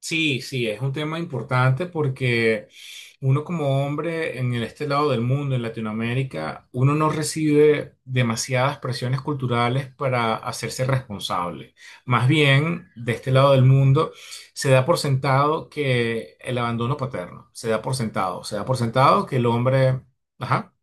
Sí, sí, es un tema importante porque uno como hombre en este lado del mundo, en Latinoamérica, uno no recibe demasiadas presiones culturales para hacerse responsable. Más bien, de este lado del mundo, se da por sentado que el abandono paterno, se da por sentado, se da por sentado que el hombre... Ajá.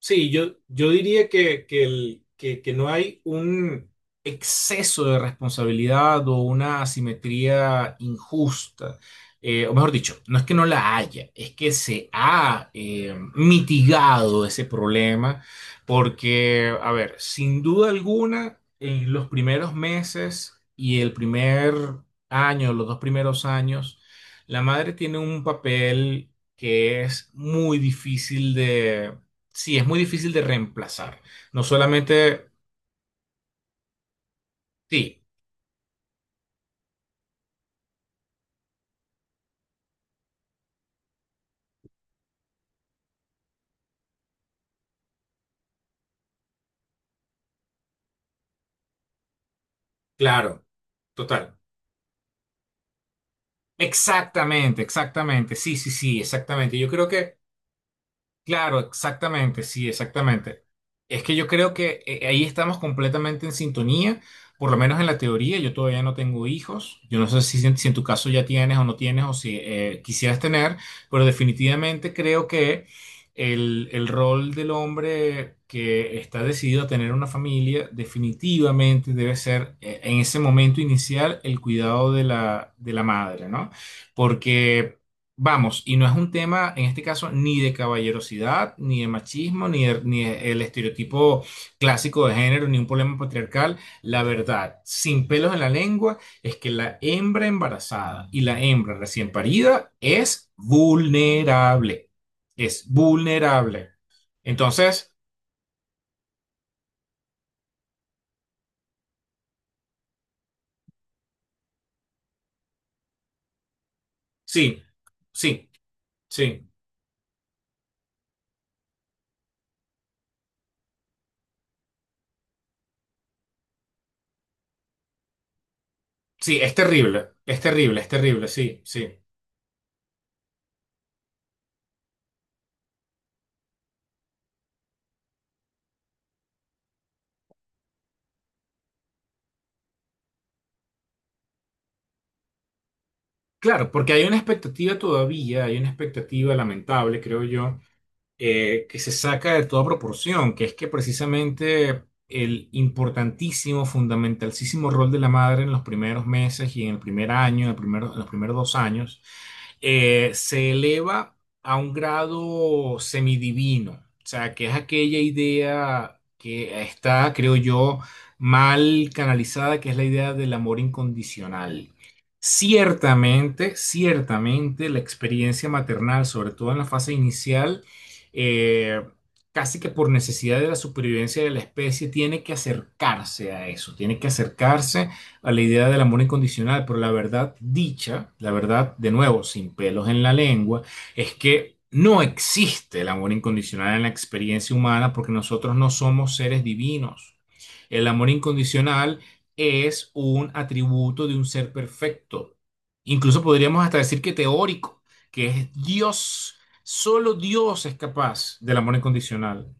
Sí, yo diría que no hay un exceso de responsabilidad o una asimetría injusta. O mejor dicho, no es que no la haya, es que se ha mitigado ese problema porque, a ver, sin duda alguna, en los primeros meses y el primer año, los dos primeros años, la madre tiene un papel que es muy difícil, sí, es muy difícil de reemplazar. No solamente, sí, claro, total. Exactamente, exactamente, sí, sí, sí, exactamente. Yo creo que claro, exactamente, sí, exactamente. Es que yo creo que ahí estamos completamente en sintonía, por lo menos en la teoría. Yo todavía no tengo hijos. Yo no sé si, en tu caso ya tienes o no tienes, o si quisieras tener, pero definitivamente creo que el rol del hombre que está decidido a tener una familia definitivamente debe ser, en ese momento inicial, el cuidado de de la madre, ¿no? Porque... Vamos, y no es un tema, en este caso, ni de caballerosidad, ni de machismo, ni el estereotipo clásico de género, ni un problema patriarcal. La verdad, sin pelos en la lengua, es que la hembra embarazada y la hembra recién parida es vulnerable. Es vulnerable. Entonces, sí, sí, sí, sí, es terrible, es terrible, es terrible, sí, sí. Claro, porque hay una expectativa todavía, hay una expectativa lamentable, creo yo, que se saca de toda proporción, que es que precisamente el importantísimo, fundamentalísimo rol de la madre en los primeros meses y en el primer año, en en los primeros dos años, se eleva a un grado semidivino, o sea, que es aquella idea que está, creo yo, mal canalizada, que es la idea del amor incondicional. Ciertamente, ciertamente la experiencia maternal, sobre todo en la fase inicial, eh, casi que por necesidad de la supervivencia de la especie, tiene que acercarse a eso, tiene que acercarse a la idea del amor incondicional, pero la verdad dicha, la verdad de nuevo, sin pelos en la lengua, es que no existe el amor incondicional en la experiencia humana porque nosotros no somos seres divinos. El amor incondicional es un atributo de un ser perfecto. Incluso podríamos hasta decir que teórico, que es Dios. Solo Dios es capaz del amor incondicional.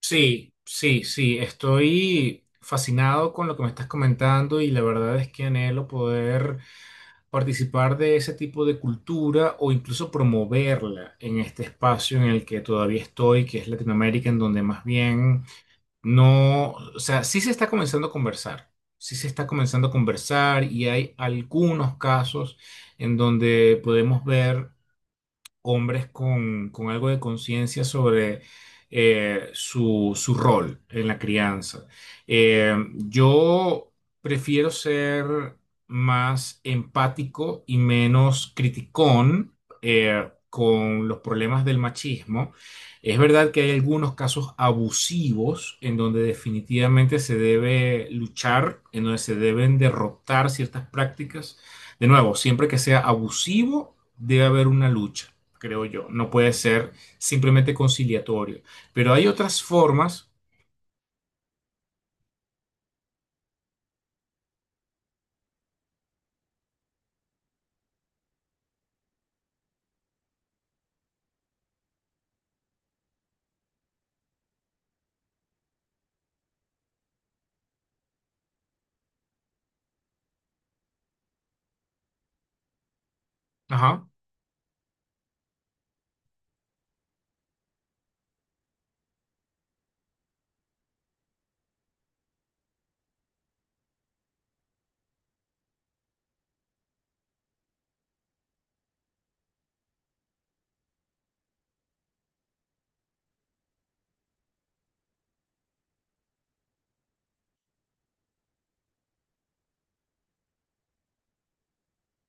Sí, sí, sí, estoy fascinado con lo que me estás comentando y la verdad es que anhelo poder participar de ese tipo de cultura o incluso promoverla en este espacio en el que todavía estoy, que es Latinoamérica, en donde más bien no, o sea, sí se está comenzando a conversar, sí se está comenzando a conversar, y hay algunos casos en donde podemos ver hombres con algo de conciencia sobre su rol en la crianza. Yo prefiero ser más empático y menos criticón con los problemas del machismo. Es verdad que hay algunos casos abusivos en donde definitivamente se debe luchar, en donde se deben derrotar ciertas prácticas. De nuevo, siempre que sea abusivo, debe haber una lucha, creo yo. No puede ser simplemente conciliatorio. Pero hay otras formas. Ajá,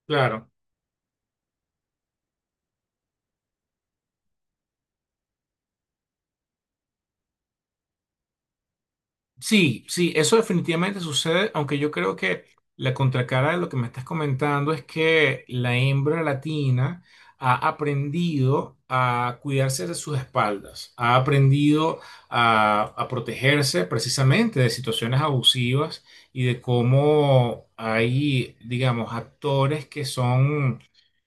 claro. Sí, sí, eso definitivamente sucede, aunque yo creo que la contracara de lo que me estás comentando es que la hembra latina ha aprendido a cuidarse de sus espaldas, ha aprendido a protegerse precisamente de situaciones abusivas y de cómo hay, digamos, actores que son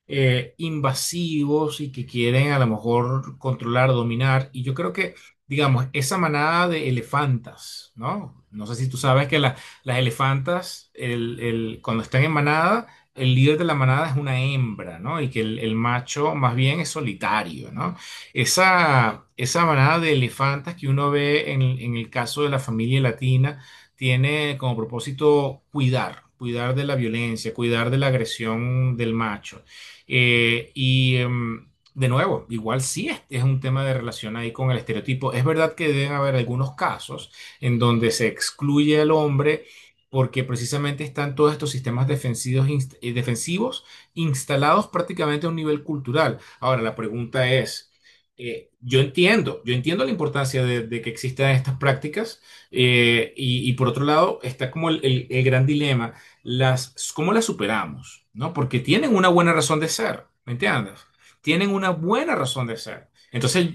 invasivos y que quieren a lo mejor controlar, dominar. Y yo creo que, digamos, esa manada de elefantas, ¿no? No sé si tú sabes que las elefantas, cuando están en manada, el líder de la manada es una hembra, ¿no? Y que el macho más bien es solitario, ¿no? Esa manada de elefantas que uno ve en el caso de la familia latina tiene como propósito cuidar. Cuidar de la violencia, cuidar de la agresión del macho. Eh, y, em, de nuevo, igual sí es un tema de relación ahí con el estereotipo. Es verdad que deben haber algunos casos en donde se excluye al hombre porque precisamente están todos estos sistemas defensivos, defensivos instalados prácticamente a un nivel cultural. Ahora, la pregunta es, yo entiendo, yo entiendo la importancia de que existan estas prácticas, y por otro lado está como el gran dilema, las, ¿cómo las superamos? ¿No? Porque tienen una buena razón de ser, ¿me entiendes? Tienen una buena razón de ser. Entonces,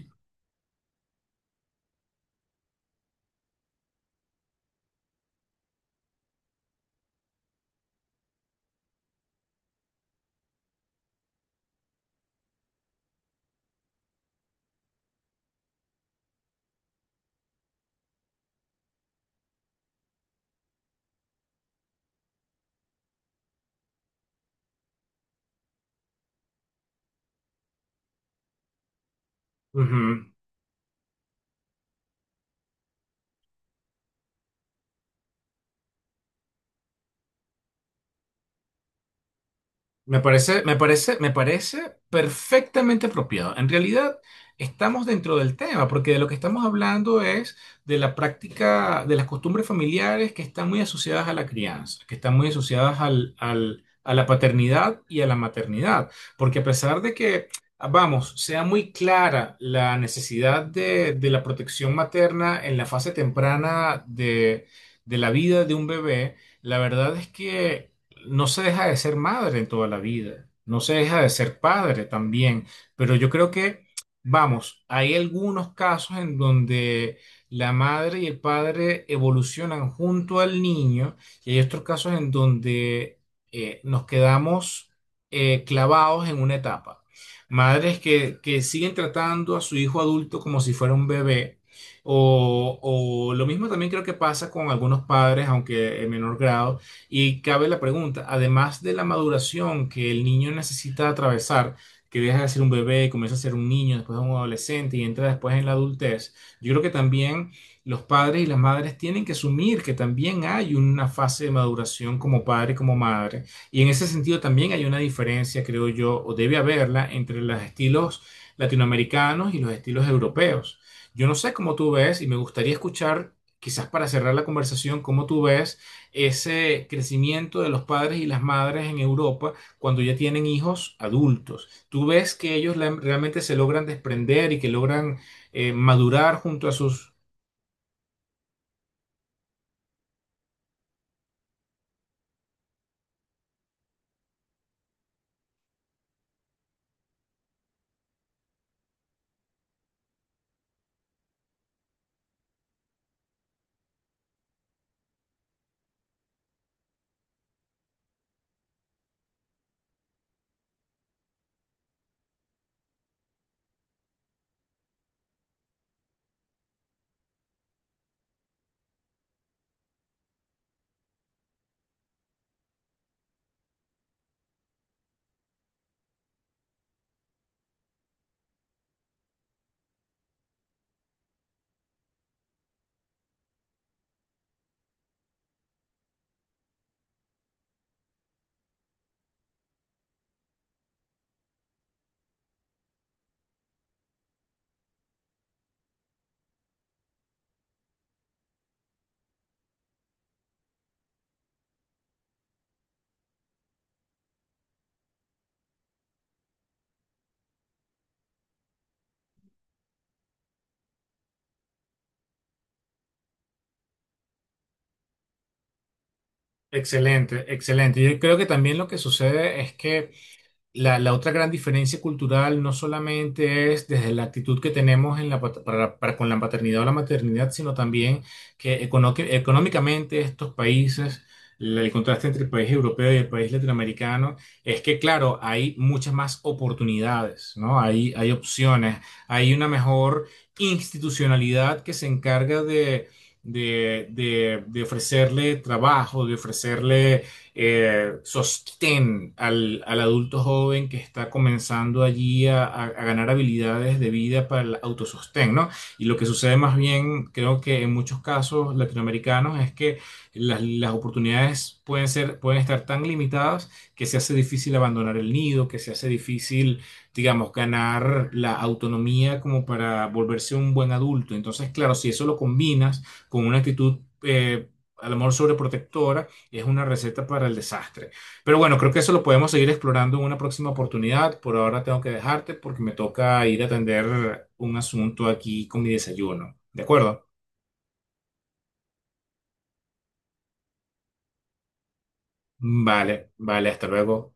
ujú. Me parece, me parece, me parece perfectamente apropiado. En realidad, estamos dentro del tema, porque de lo que estamos hablando es de la práctica, de las costumbres familiares que están muy asociadas a la crianza, que están muy asociadas a la paternidad y a la maternidad. Porque a pesar de que, vamos, sea muy clara la necesidad de la protección materna en la fase temprana de la vida de un bebé, la verdad es que no se deja de ser madre toda la vida, no se deja de ser padre también, pero yo creo que, vamos, hay algunos casos en donde la madre y el padre evolucionan junto al niño, y hay otros casos en donde nos quedamos, clavados en una etapa. Madres que siguen tratando a su hijo adulto como si fuera un bebé. O lo mismo también creo que pasa con algunos padres, aunque en menor grado, y cabe la pregunta, además de la maduración que el niño necesita atravesar, que deja de ser un bebé, comienza a ser un niño, después un adolescente y entra después en la adultez, yo creo que también los padres y las madres tienen que asumir que también hay una fase de maduración como padre y como madre. Y en ese sentido también hay una diferencia, creo yo, o debe haberla, entre los estilos latinoamericanos y los estilos europeos. Yo no sé cómo tú ves, y me gustaría escuchar, quizás para cerrar la conversación, cómo tú ves ese crecimiento de los padres y las madres en Europa cuando ya tienen hijos adultos. Tú ves que ellos realmente se logran desprender y que logran madurar junto a sus... Excelente, excelente. Yo creo que también lo que sucede es que la otra gran diferencia cultural no solamente es desde la actitud que tenemos en para con la paternidad o la maternidad, sino también que que económicamente estos países, el contraste entre el país europeo y el país latinoamericano, es que, claro, hay muchas más oportunidades, ¿no? Hay opciones, hay una mejor institucionalidad que se encarga de... de ofrecerle trabajo, de ofrecerle sostén al adulto joven que está comenzando allí a, a ganar habilidades de vida para el autosostén, ¿no? Y lo que sucede más bien, creo que en muchos casos latinoamericanos, es que las oportunidades pueden ser, pueden estar tan limitadas que se hace difícil abandonar el nido, que se hace difícil, digamos, ganar la autonomía como para volverse un buen adulto. Entonces, claro, si eso lo combinas con una actitud... a lo mejor sobreprotectora, es una receta para el desastre. Pero bueno, creo que eso lo podemos seguir explorando en una próxima oportunidad. Por ahora tengo que dejarte porque me toca ir a atender un asunto aquí con mi desayuno. ¿De acuerdo? Vale, vale, hasta luego.